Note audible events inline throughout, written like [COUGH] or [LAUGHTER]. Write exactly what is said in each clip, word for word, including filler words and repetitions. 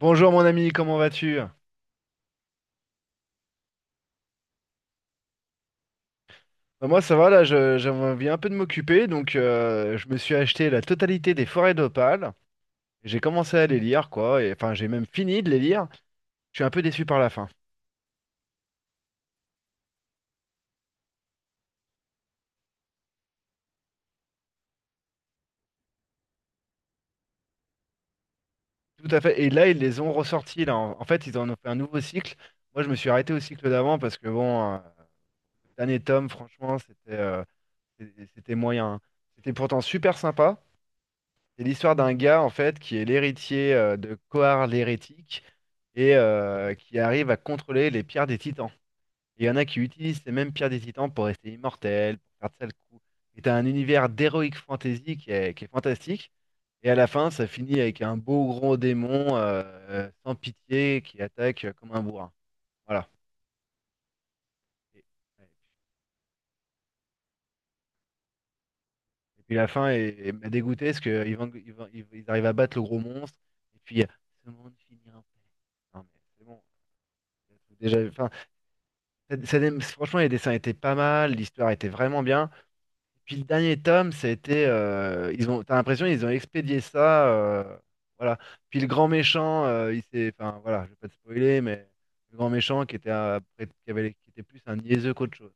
Bonjour mon ami, comment vas-tu? Bah, moi ça va, là je- j'avais envie un peu de m'occuper, donc euh, je me suis acheté la totalité des Forêts d'Opale. J'ai commencé à les lire, quoi, et enfin j'ai même fini de les lire. Je suis un peu déçu par la fin. Tout à fait. Et là ils les ont ressortis, là. En, en fait ils en ont fait un nouveau cycle. Moi je me suis arrêté au cycle d'avant parce que bon, euh, le dernier tome, franchement, c'était euh, c'était c'était moyen, hein. C'était pourtant super sympa. C'est l'histoire d'un gars en fait qui est l'héritier euh, de Kohar l'hérétique et euh, qui arrive à contrôler les pierres des titans. Et il y en a qui utilisent ces mêmes pierres des titans pour rester immortels, pour faire de sales coups. Et t'as un univers d'heroic fantasy qui est, qui est fantastique. Et à la fin, ça finit avec un beau gros démon euh, euh, sans pitié qui attaque euh, comme un bourrin. Voilà. Et, et puis la fin est- est- m'a dégoûté parce qu'ils ils, vont- ils vont- ils arrivent à battre le gros monstre. Et puis, euh, ce monde finira en paix. Non mais c'est bon. Déjà, enfin, ça- ça franchement, les dessins étaient pas mal, l'histoire était vraiment bien. Puis le dernier tome, ça a été, euh, ils ont, t'as l'impression ils ont expédié ça, euh, voilà. Puis le grand méchant, euh, il s'est, enfin voilà, je vais pas te spoiler, mais le grand méchant qui était un- après- qui avait, qui était plus un niaiseux qu'autre chose.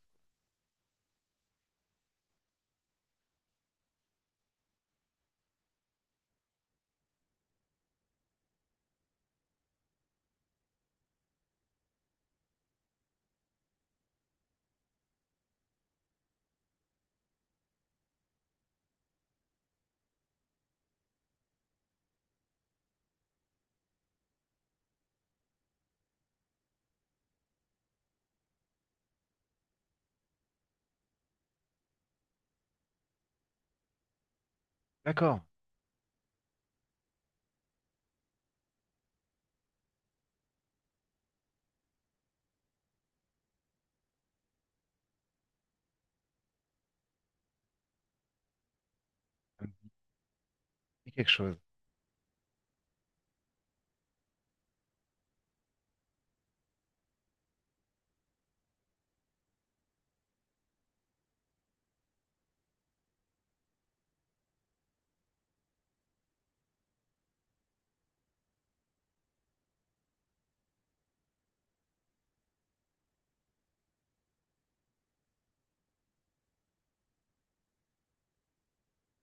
D'accord, ça me dit quelque chose.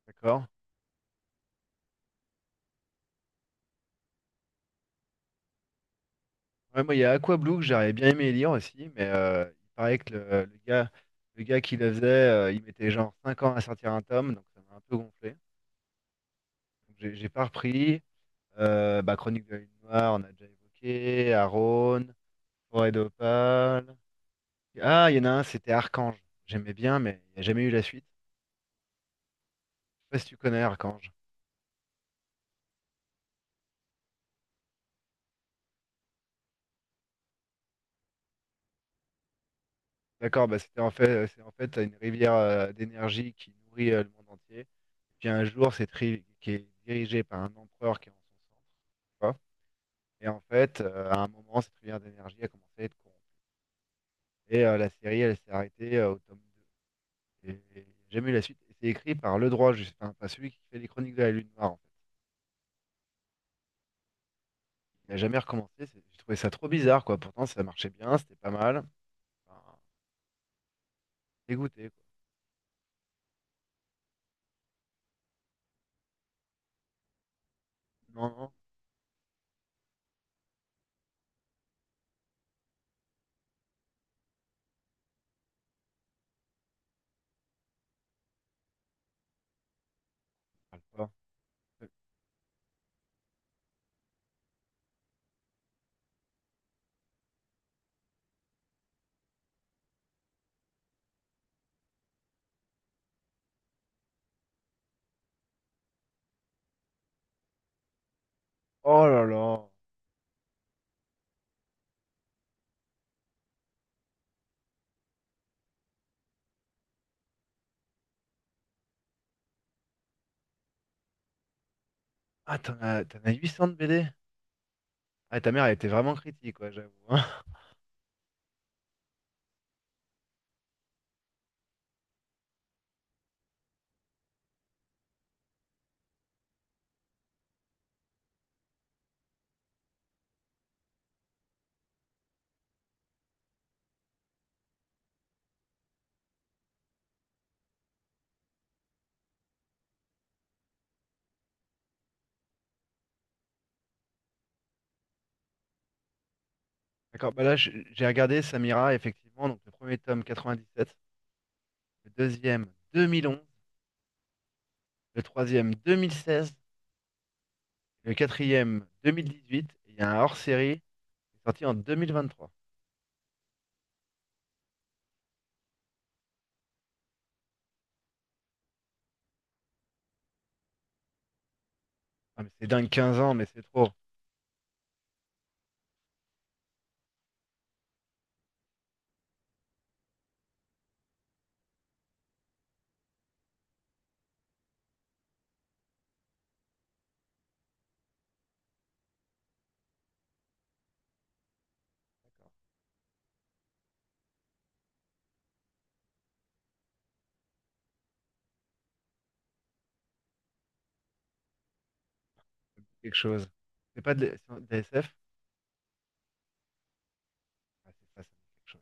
D'accord. Ouais, moi, il y a Aqua Blue que j'aurais bien aimé lire aussi, mais euh, il paraît que le, le gars, le gars qui le faisait, euh, il mettait genre cinq ans à sortir un tome, donc ça m'a un peu gonflé. Donc, J'ai j'ai pas repris. Euh, bah, Chronique de la Lune Noire, on a déjà évoqué. Aaron, Forêt d'Opale. Ah, il y en a un, c'était Archange. J'aimais bien, mais il n'y a jamais eu la suite. Je sais pas si tu connais Archange. D'accord, bah, c'était en fait, c'est en fait une rivière euh, d'énergie qui nourrit euh, le monde entier. Puis un jour, cette rive qui est dirigée par un empereur qui est en son centre, tu vois. Et en fait, euh, à un moment, cette rivière d'énergie a commencé à être corrompue. Et euh, la série, elle s'est arrêtée euh, au tome deux. Et, et il n'y a jamais eu la suite. Et c'est écrit par le droit, juste, enfin, pas celui qui fait les chroniques de la Lune Noire, en fait. Il n'a jamais recommencé. c'est- J'ai trouvé ça trop bizarre, quoi. Pourtant, ça marchait bien, c'était pas mal. Enfin, dégoûté, quoi. Non, non, ça parle pas. Oh là là. Ah, t'en as, t'en as huit cents de B D? Ah, ta mère, elle était vraiment critique, quoi, j'avoue, hein. [LAUGHS] D'accord, bah là, je- j'ai regardé Samira, effectivement. Donc, le premier tome, quatre-vingt-dix-sept. Le deuxième, deux mille onze. Le troisième, deux mille seize. Le quatrième, deux mille dix-huit. Et il y a un hors-série qui est sorti en trois. Ah, mais c'est dingue, quinze ans, mais c'est trop. Ça me dit quelque chose. C'est pas de, la- c'est de la S F? Ah, c'est pas ça, me dit quelque chose.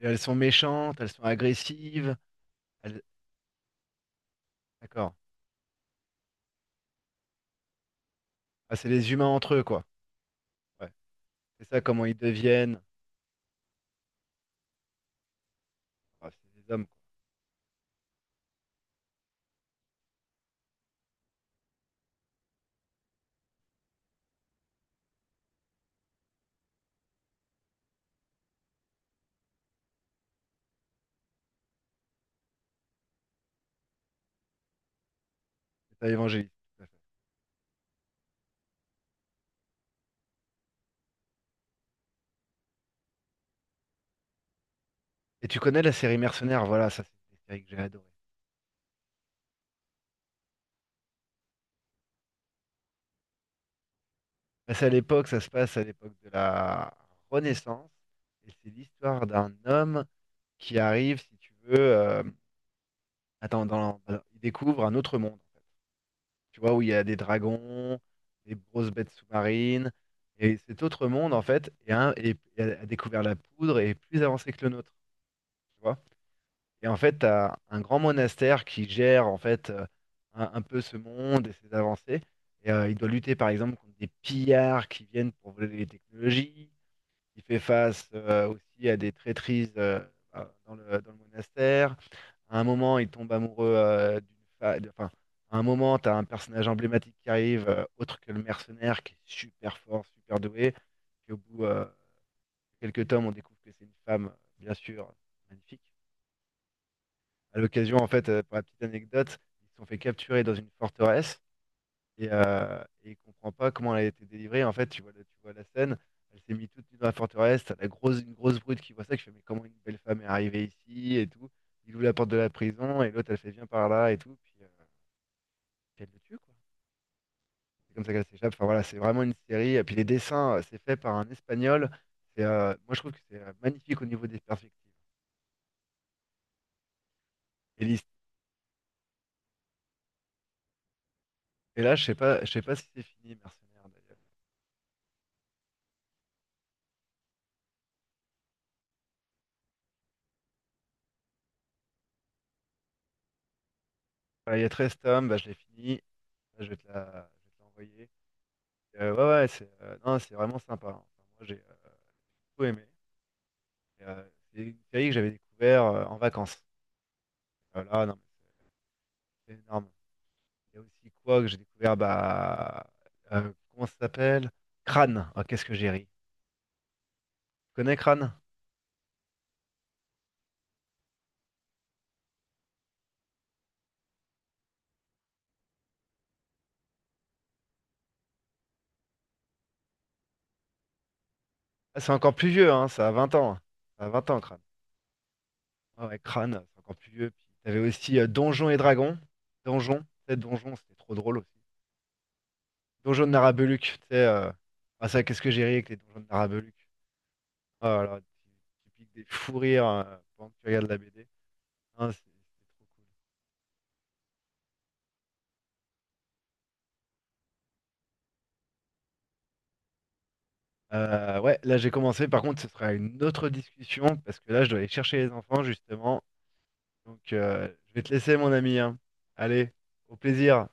Et elles sont méchantes, elles sont agressives. elles- D'accord. Ah, c'est les humains entre eux, quoi. Ouais. C'est ça comment ils deviennent. Ah, c'est des hommes, quoi. C'est ça, évangéliste, tout à fait. Et tu connais la série Mercenaires, voilà, ça c'est une série que j'ai adorée. Bah, c'est à l'époque, ça se passe à l'époque de la Renaissance. Et c'est l'histoire d'un homme qui arrive, si tu veux, euh, attends, dans... il découvre un autre monde, tu vois, où il y a des dragons, des grosses bêtes sous-marines. Et cet autre monde, en fait, est un- est- a a découvert la poudre et est plus avancé que le nôtre, tu vois. Et en fait, tu as un grand monastère qui gère, en fait, euh, un, un peu ce monde et ses avancées. Et euh, il doit lutter, par exemple, contre des pillards qui viennent pour voler les technologies. Il fait face euh, aussi à des traîtrises euh, euh, dans le, dans le monastère. À un moment, il tombe amoureux euh, d'une femme. Enfin, à un moment, tu as un personnage emblématique qui arrive, euh, autre que le mercenaire, qui est super fort, super doué. Puis au bout euh, de quelques tomes, on découvre que c'est une femme, bien sûr, magnifique. À l'occasion, en fait, euh, pour la petite anecdote, ils se sont fait capturer dans une forteresse et, euh, et il comprend pas comment elle a été délivrée. En fait, tu vois, la- tu vois la scène, elle s'est mise toute nue dans la forteresse, t'as la grosse, une grosse brute qui voit ça, qui fait, mais comment une belle femme est arrivée ici et tout. Il ouvre la porte de la prison et l'autre, elle fait, viens par là et tout, puis, euh, puis elle le tue, quoi. C'est comme ça qu'elle s'échappe. Enfin voilà, c'est vraiment une série. Et puis les dessins, euh, c'est fait par un Espagnol. C'est, euh, moi, je trouve que c'est euh, magnifique au niveau des perspectives. Et, l'his- et là, je sais pas, je sais pas si c'est fini, Mercenaire, d'ailleurs. Voilà, il y a treize tomes, bah, je l'ai fini. Là, je vais te la, je vais te l'envoyer. Euh, ouais, ouais, c'est euh, non, c'est vraiment sympa, hein. Enfin, moi, j'ai euh, tout aimé. Et, euh, c'est une série que j'avais découvert euh, en vacances. Euh, là, non, mais c'est c'est énorme. Il y a aussi quoi que j'ai découvert, bah, euh, comment ça s'appelle? Crâne. Ah, qu'est-ce que j'ai ri. Tu connais Crâne? Ah, c'est encore plus vieux, hein, ça a vingt ans. Ça a vingt ans, Crâne. Ah ouais, Crâne, c'est encore plus vieux. Puis, t'avais aussi euh, Donjons et Dragons. Donjons, peut Donjons, c'était trop drôle aussi. Donjons de Narabeluc, tu sais. euh, Ah, ça, qu'est-ce que j'ai ri avec les Donjons de Narabeluc. Ah, alors, tu, tu piques des fous rires euh, pendant que tu regardes la B D, hein, c'est c'est trop cool. Euh, ouais, là j'ai commencé. Par contre, ce sera une autre discussion parce que là je dois aller chercher les enfants justement. Donc, euh, je vais te laisser, mon ami, hein. Allez, au plaisir.